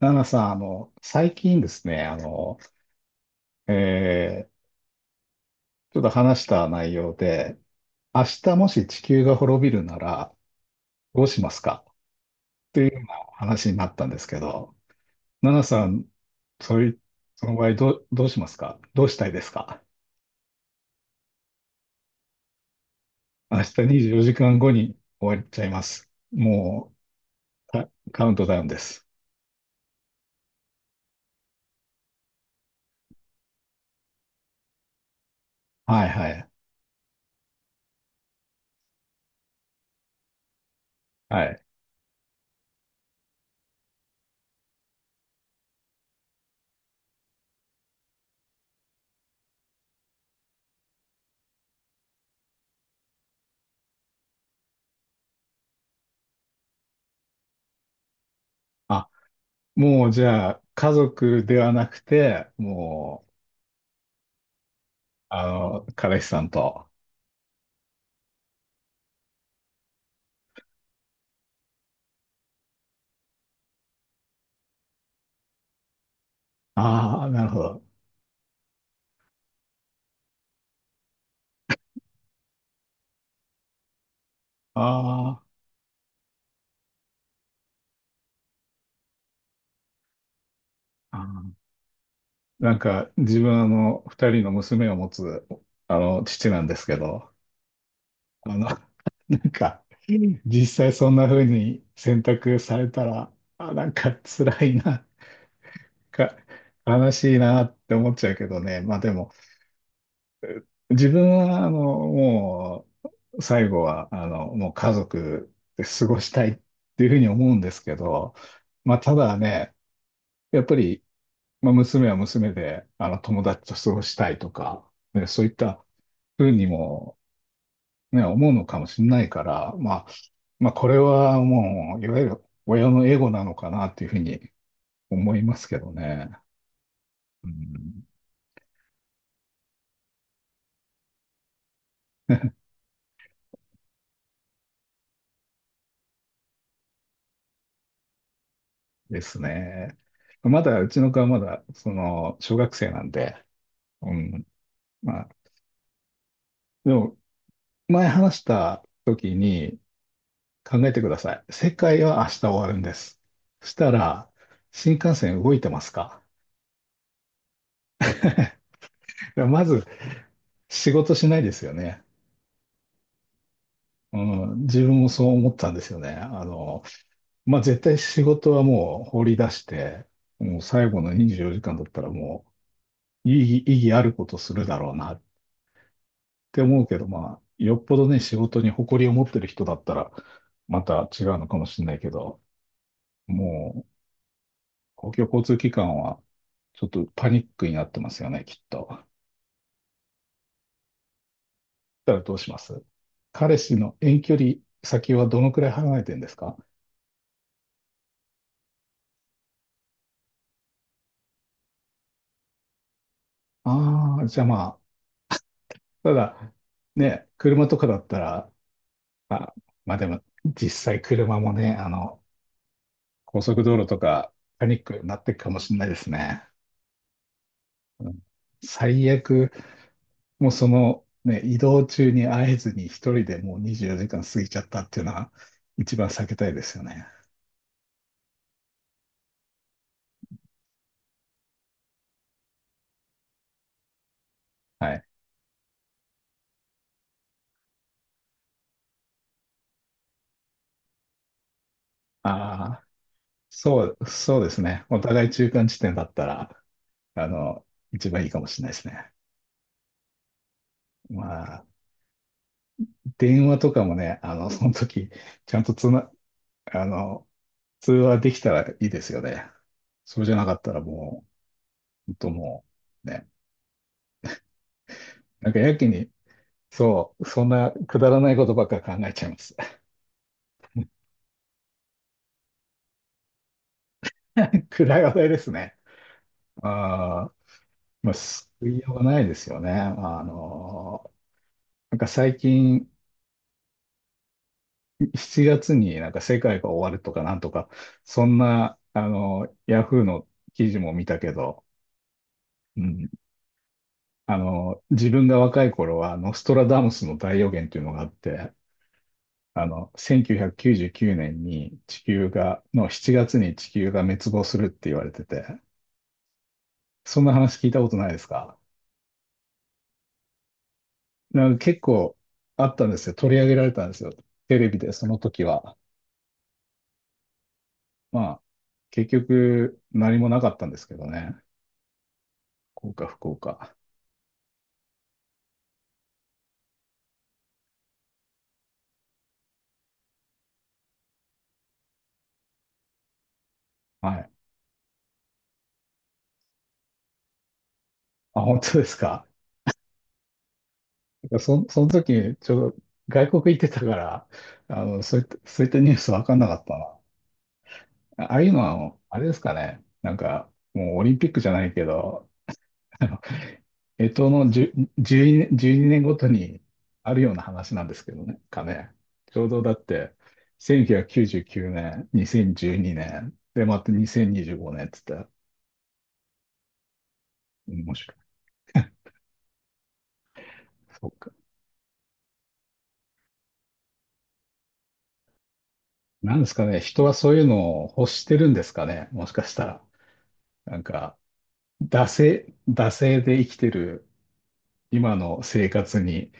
ナナさん、最近ですね、えーちょっと話した内容で、明日もし地球が滅びるならどうしますか、というような話になったんですけど、ナナさん、そういう、その場合どうしますか、どうしたいですか？明日24時間後に終わっちゃいます。もう、カカウントダウンです。はいはい。はい。あ、もうじゃあ、家族ではなくて、もう、彼氏さんと。ああ、なるほど。あーあなんか自分、二人の娘を持つ父なんですけど、あの、なんか実際そんな風に選択されたら、あ、なんか辛いな、か、悲しいなって思っちゃうけどね。まあでも、自分はもう最後はもう家族で過ごしたいっていうふうに思うんですけど、まあただね、やっぱりまあ、娘は娘で、友達と過ごしたいとか、ね、そういったふうにも、ね、思うのかもしれないから、まあ、これはもう、いわゆる親のエゴなのかなっていうふうに思いますけどね。うん。ですね。まだ、うちの子はまだ、その、小学生なんで、うん、まあ、でも、前話した時に、考えてください。世界は明日終わるんです。そしたら、新幹線動いてますか？ やまず仕事しないですよね。うん、自分もそう思ったんですよね。あの、まあ、絶対仕事はもう放り出して、もう最後の24時間だったらもう意義あることするだろうなって思うけど、まあ、よっぽどね、仕事に誇りを持ってる人だったら、また違うのかもしれないけど、もう、公共交通機関は、ちょっとパニックになってますよね、きっと。だったらどうします？彼氏の遠距離先はどのくらい離れてるんですか？ああ、じゃあまあ、ただ、ね、車とかだったら、あ、まあでも、実際車もね、高速道路とか、パニックになっていくかもしれないですね。うん、最悪、もうその、ね、移動中に会えずに一人でもう24時間過ぎちゃったっていうのは、一番避けたいですよね。はい。ああ、そうですね。お互い中間地点だったら、あの、一番いいかもしれないですね。ま、電話とかもね、その時、ちゃんとつな、あの、通話できたらいいですよね。そうじゃなかったらもう、ね。なんかやけに、そう、そんなくだらないことばっか考えちゃいます。暗い話題ですね。ああ、まあ、救いようがないですよね。まあの、なんか最近、7月になんか世界が終わるとかなんとか、そんな、ヤフーの記事も見たけど、うん、あの、自分が若い頃は、あの、ストラダムスの大予言というのがあって、あの、1999年に地球が、の7月に地球が滅亡するって言われてて、そんな話聞いたことないですか？なんか結構あったんですよ。取り上げられたんですよ、テレビで、その時は。まあ、結局何もなかったんですけどね。幸か不幸か。はい。あ、本当ですか？その時、ちょうど外国行ってたから、あの、そういったニュース分かんなかったな。ああいうのは、あれですかね。なんか、もうオリンピックじゃないけど、あの、干支の10、12、1年ごとにあるような話なんですけどね、かね。ちょうどだって、1999年、2012年、で、また2025年って言ったら、面白い。そうか。なんですかね。人はそういうのを欲してるんですかね、もしかしたら。なんか、惰性で生きてる今の生活に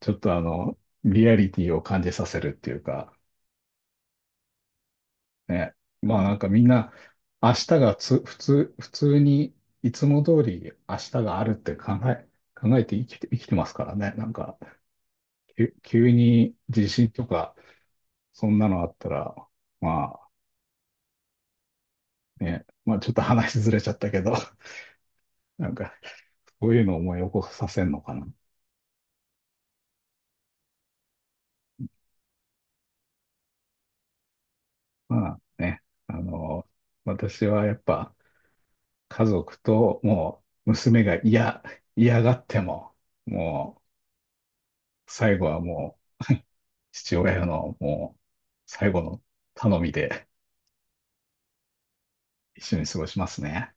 ちょっと、あの、リアリティを感じさせるっていうか、ね。まあなんかみんな、明日がつ、普通、普通に、いつも通り明日があるって考えて生きてますからね。なんか、急に地震とか、そんなのあったら、まあね、まあちょっと話ずれちゃったけど、なんか、こういうのを思い起こさせるのかな。まあね、あの、私はやっぱ、家族と、もう娘が嫌がっても、もう最後はもう父親のもう最後の頼みで一緒に過ごしますね。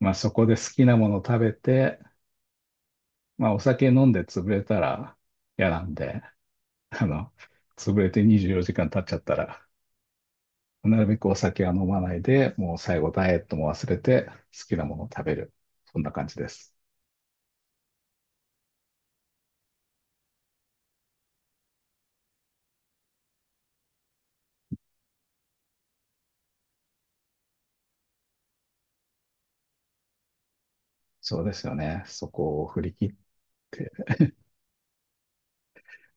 まあそこで好きなもの食べて、まあお酒飲んで潰れたら嫌なんで、あの、潰れて24時間経っちゃったら、なるべくお酒は飲まないで、もう最後ダイエットも忘れて好きなものを食べる。そんな感じです。そうですよね。そこを振り切って。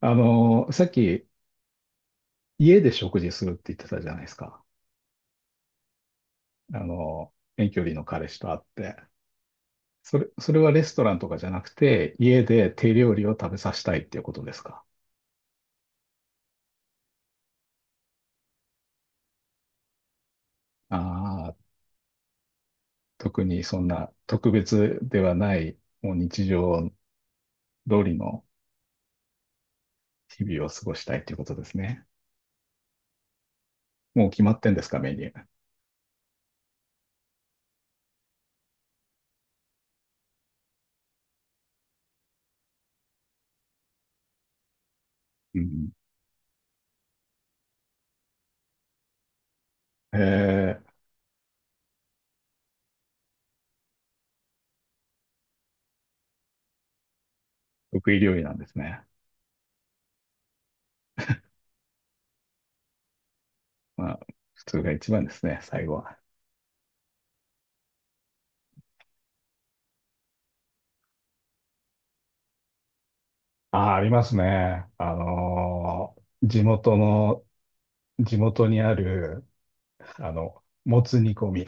あの、さっき家で食事するって言ってたじゃないですか。あの、遠距離の彼氏と会って。それはレストランとかじゃなくて、家で手料理を食べさせたいっていうことですか？ああー、特にそんな特別ではない、もう日常通りの日々を過ごしたいっていうことですね。もう決まってんですか、メニュー。うん。えー、得意料理なんですね。まあ、普通が一番ですね、最後は。ああ、ありますね。あのー、地元にある、あの、もつ煮込み。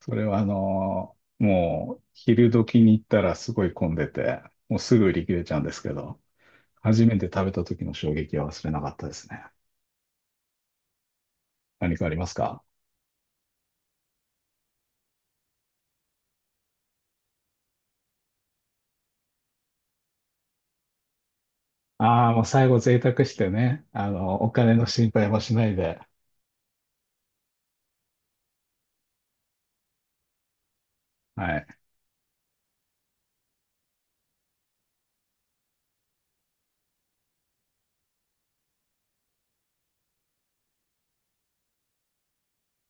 それはあのー、もう、昼時に行ったらすごい混んでて、もうすぐ売り切れちゃうんですけど、初めて食べた時の衝撃は忘れなかったですね。何かありますか？ああー、もう最後贅沢してね、あの、お金の心配もしないで、はい。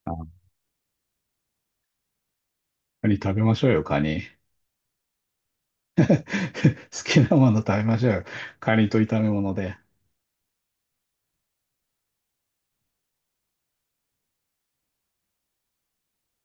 あ、カニ食べましょうよ、カニ。好きなもの食べましょうよ。カニと炒め物で。